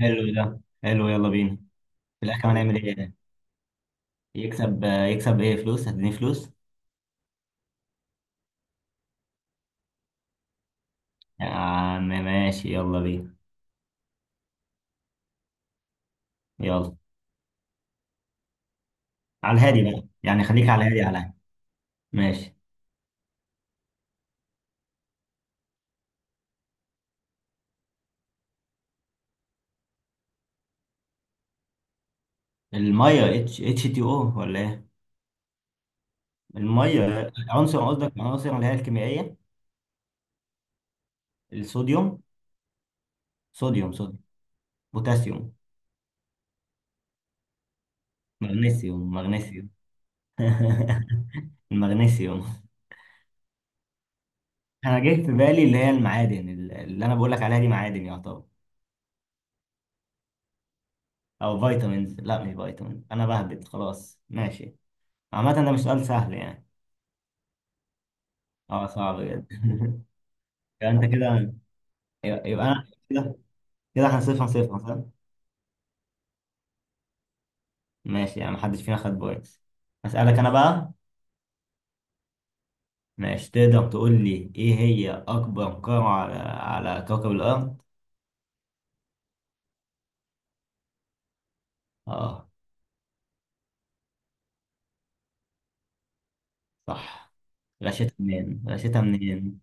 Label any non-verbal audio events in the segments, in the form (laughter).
حلو، ده حلو. يلا بينا. في الاخر هنعمل ايه يعني؟ يكسب ايه، فلوس؟ هتديني فلوس؟ يا عم ماشي، يلا بينا. يلا على الهادي بقى يعني، خليك على الهادي على الهادي. ماشي. الميه، اتش اتش تي او، ولا ايه؟ الميه عنصر، قصدك العناصر اللي هي الكيميائيه. الصوديوم. صوديوم، صوديوم، بوتاسيوم، مغنيسيوم، مغنيسيوم. (laughs) المغنيسيوم. انا جه في بالي اللي هي المعادن، اللي انا بقول لك عليها دي معادن يعتبر. او فيتامينز، لا مش فيتامين، انا بهبد خلاص. ماشي. عامة ده مش سؤال سهل يعني. اه، صعب جدا. (laughs) يبقى انت كده. يبقى انا كده، كده احنا 0-0 صح؟ ماشي، يعني محدش فينا خد بوينتس. اسألك انا بقى. ماشي، تقدر تقول لي ايه هي اكبر قارة على على كوكب الارض؟ اه صح. غشيتها منين؟ غشيتها منين؟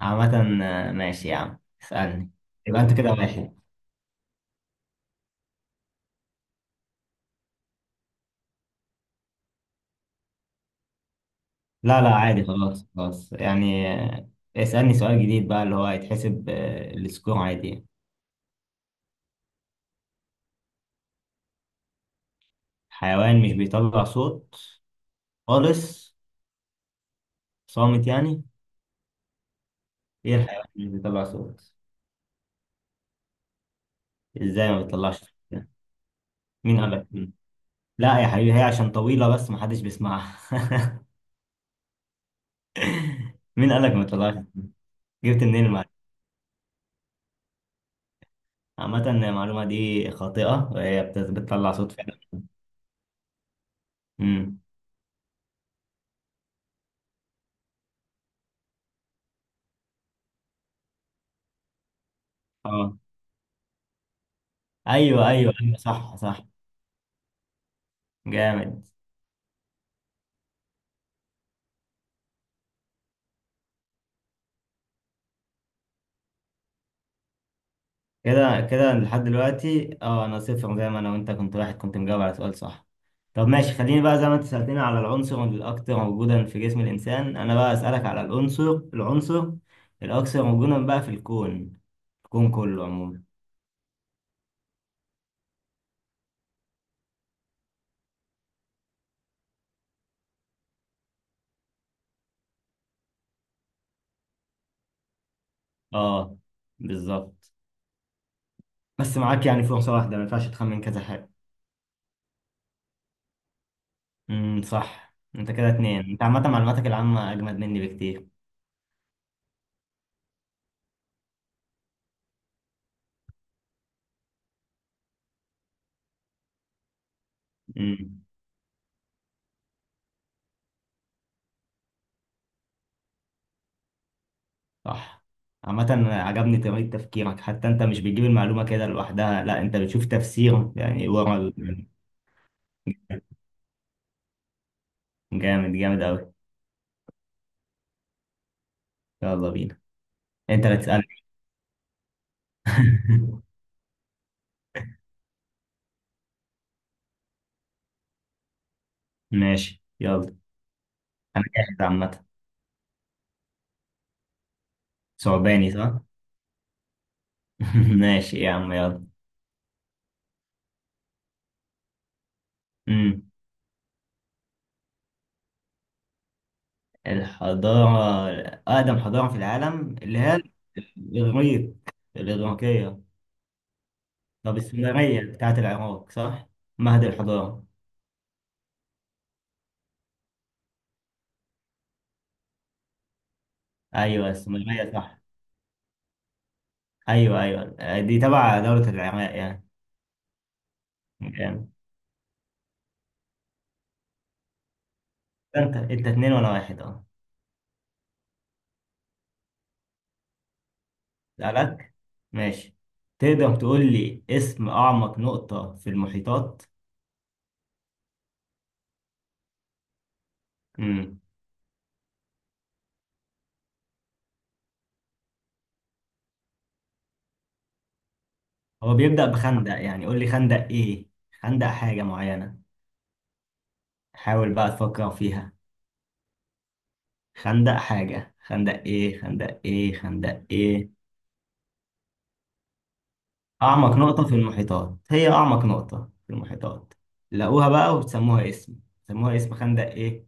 عامة ماشي يا عم اسألني. يبقى انت كده 1. لا لا عادي، خلاص خلاص يعني. اسألني سؤال جديد بقى، اللي هو هيتحسب السكور عادي يعني. حيوان مش بيطلع صوت خالص، صامت يعني. ايه الحيوان اللي مش بيطلع صوت؟ ازاي ما بيطلعش صوت يعني؟ مين قالك؟ مين؟ لا يا حبيبي، هي عشان طويلة بس محدش بيسمعها. (laughs) مين قالك ما بيطلعش صوت؟ جبت منين المعلومة؟ عامة المعلومة دي خاطئة، وهي بتطلع صوت فعلا. امم، اه. ايوه ايوه ايوه، صح صح. جامد. كده كده لحد دلوقتي، اه، انا صفر، زي ما انا وانت كنت واحد، كنت مجاوب على سؤال صح. طب ماشي، خليني بقى زي ما انت سألتني على العنصر الأكثر وجودا في جسم الإنسان، أنا بقى أسألك على العنصر الأكثر وجودا بقى في الكون. الكون كله عموما. اه بالظبط. بس معاك يعني فرصة واحدة، ما ينفعش تخمن كذا حاجة. صح، انت كده 2. انت عامة معلوماتك العامة أجمد مني بكتير. امم صح. عامة عجبني طريقة تفكيرك، حتى انت مش بتجيب المعلومة كده لوحدها، لا انت بتشوف تفسير يعني ورا جامد، جامد اوي. يلا بينا. انت اللي تسألني. (laughs) ماشي يلا، انا جاهز عامة. ثعباني صح؟ (laughs) ماشي يا عم يلا. امم، الحضارة. أقدم حضارة في العالم اللي هي الإغريق، الإغريقية. طب السومرية بتاعت العراق صح؟ مهد الحضارة. أيوه السومرية صح. أيوه أيوه، دي تبع دولة العراق يعني. جامد. انت انت 2-1، اه. سألك. ماشي، تقدر تقول لي اسم أعمق نقطة في المحيطات؟ امم، هو بيبدأ بخندق، يعني قول لي خندق ايه؟ خندق حاجة معينة، حاول بقى تفكر فيها. خندق حاجة، خندق ايه؟ خندق ايه؟ خندق ايه؟ أعمق نقطة في المحيطات، هي أعمق نقطة في المحيطات لقوها بقى وبتسموها اسم، سموها اسم خندق ايه؟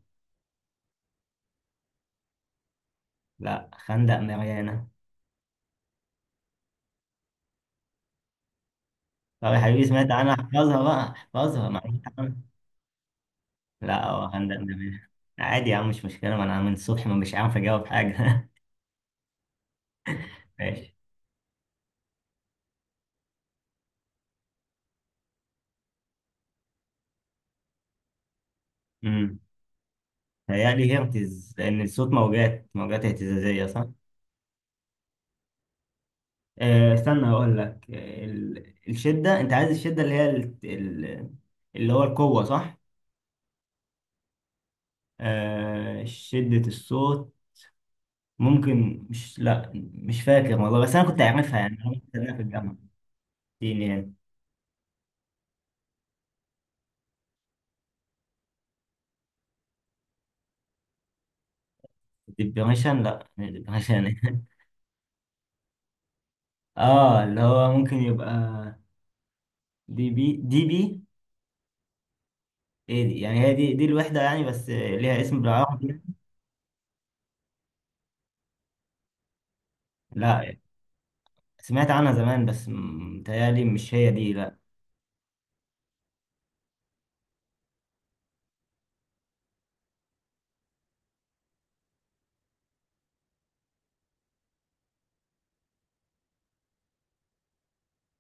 لا، خندق ماريانا. طب يا حبيبي سمعت عنها، احفظها بقى، احفظها معلومات. لا هو هندق ده. عادي يا عم مش مشكلة، ما أنا من الصبح ما مش عارف أجاوب حاجة. (laughs) ماشي. امم، هيقلي هرتز، لأن الصوت موجات، موجات اهتزازية صح؟ أه استنى هقول لك، آه، ال- الشدة أنت عايز الشدة اللي هي اللي هو القوة صح؟ أه شدة الصوت. ممكن، مش، لا مش فاكر والله، بس أنا كنت عارفها يعني، أنا كنت أدرسها في الجامعة. اديني يعني. ديبريشن. لا مش ديبريشن. (laughs) اه اللي هو ممكن يبقى دي بي، دي بي. ايه دي يعني؟ هي دي الوحدة يعني، بس ليها اسم بالعربي كده؟ لا، سمعت عنها زمان بس متهيألي مش هي دي، لا.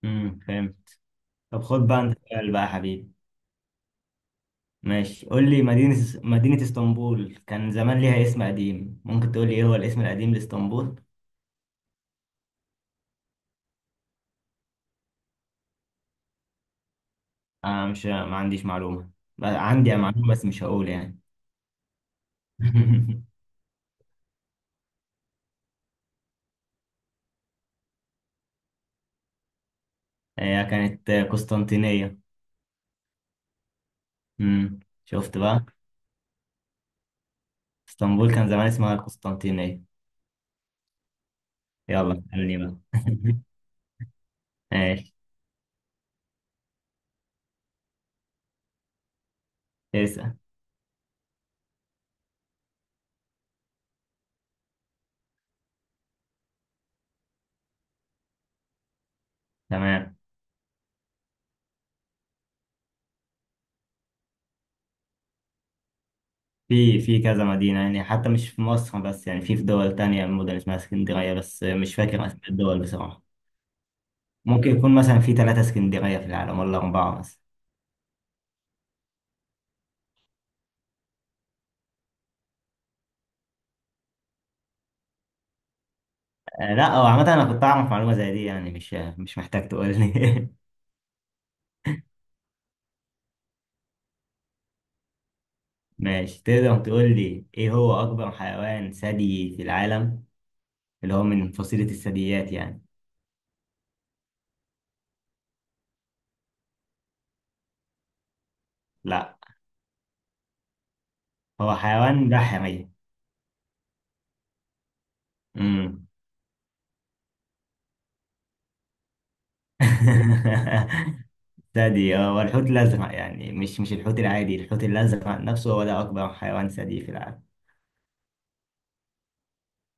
فاهم. طب خد بقى انت سؤال بقى يا حبيبي. ماشي قول لي، مدينة، مدينة اسطنبول كان زمان ليها اسم قديم، ممكن تقول لي ايه هو الاسم القديم لاسطنبول؟ آه مش ما عنديش معلومة، بقى عندي معلومة بس مش هقول يعني. (laughs) هي كانت قسطنطينية. امم، شفت بقى، اسطنبول كان زمان اسمها القسطنطينية. يلا اسألني بقى. (laughs) ماشي، اسأل. تمام، في كذا مدينة يعني، حتى مش في مصر بس، يعني في دول تانية مدن اسمها اسكندرية، بس مش فاكر أسماء الدول بصراحة. ممكن يكون مثلا في 3 اسكندرية في العالم ولا 4 مثلا. لا هو عامة أنا كنت أعرف معلومة زي دي يعني، مش محتاج تقول لي. (laughs) ماشي، تقدر تقول لي إيه هو أكبر حيوان ثدي في العالم، اللي هو من فصيلة الثدييات يعني؟ لا. هو حيوان بحري. امم. (laughs) ثدي اه، والحوت الازرق يعني، مش الحوت العادي، الحوت الازرق نفسه هو ده اكبر حيوان ثدي في العالم.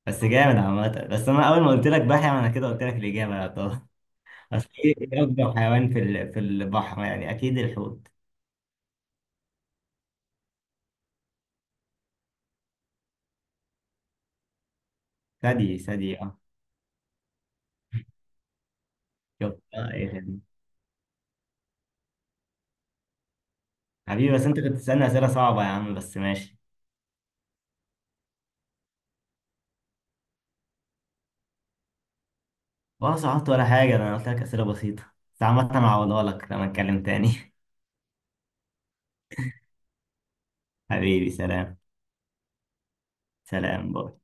بس جامد عامة، بس انا اول ما قلت لك بحر انا كده قلت لك الاجابه يا طه. (laughs) اصل ايه، إيه اكبر حيوان في البحر يعني، اكيد الحوت. ثدي، ثدي اه. شفت اه، ايه خدمة. حبيبي بس انت كنت بتسالني اسئله صعبه يا عم، بس ماشي. ولا صعبت ولا حاجه، ده انا قلت لك اسئله بسيطه، بس عامة انا هعوضها لك لما نتكلم تاني. (laughs) حبيبي سلام. سلام، باي.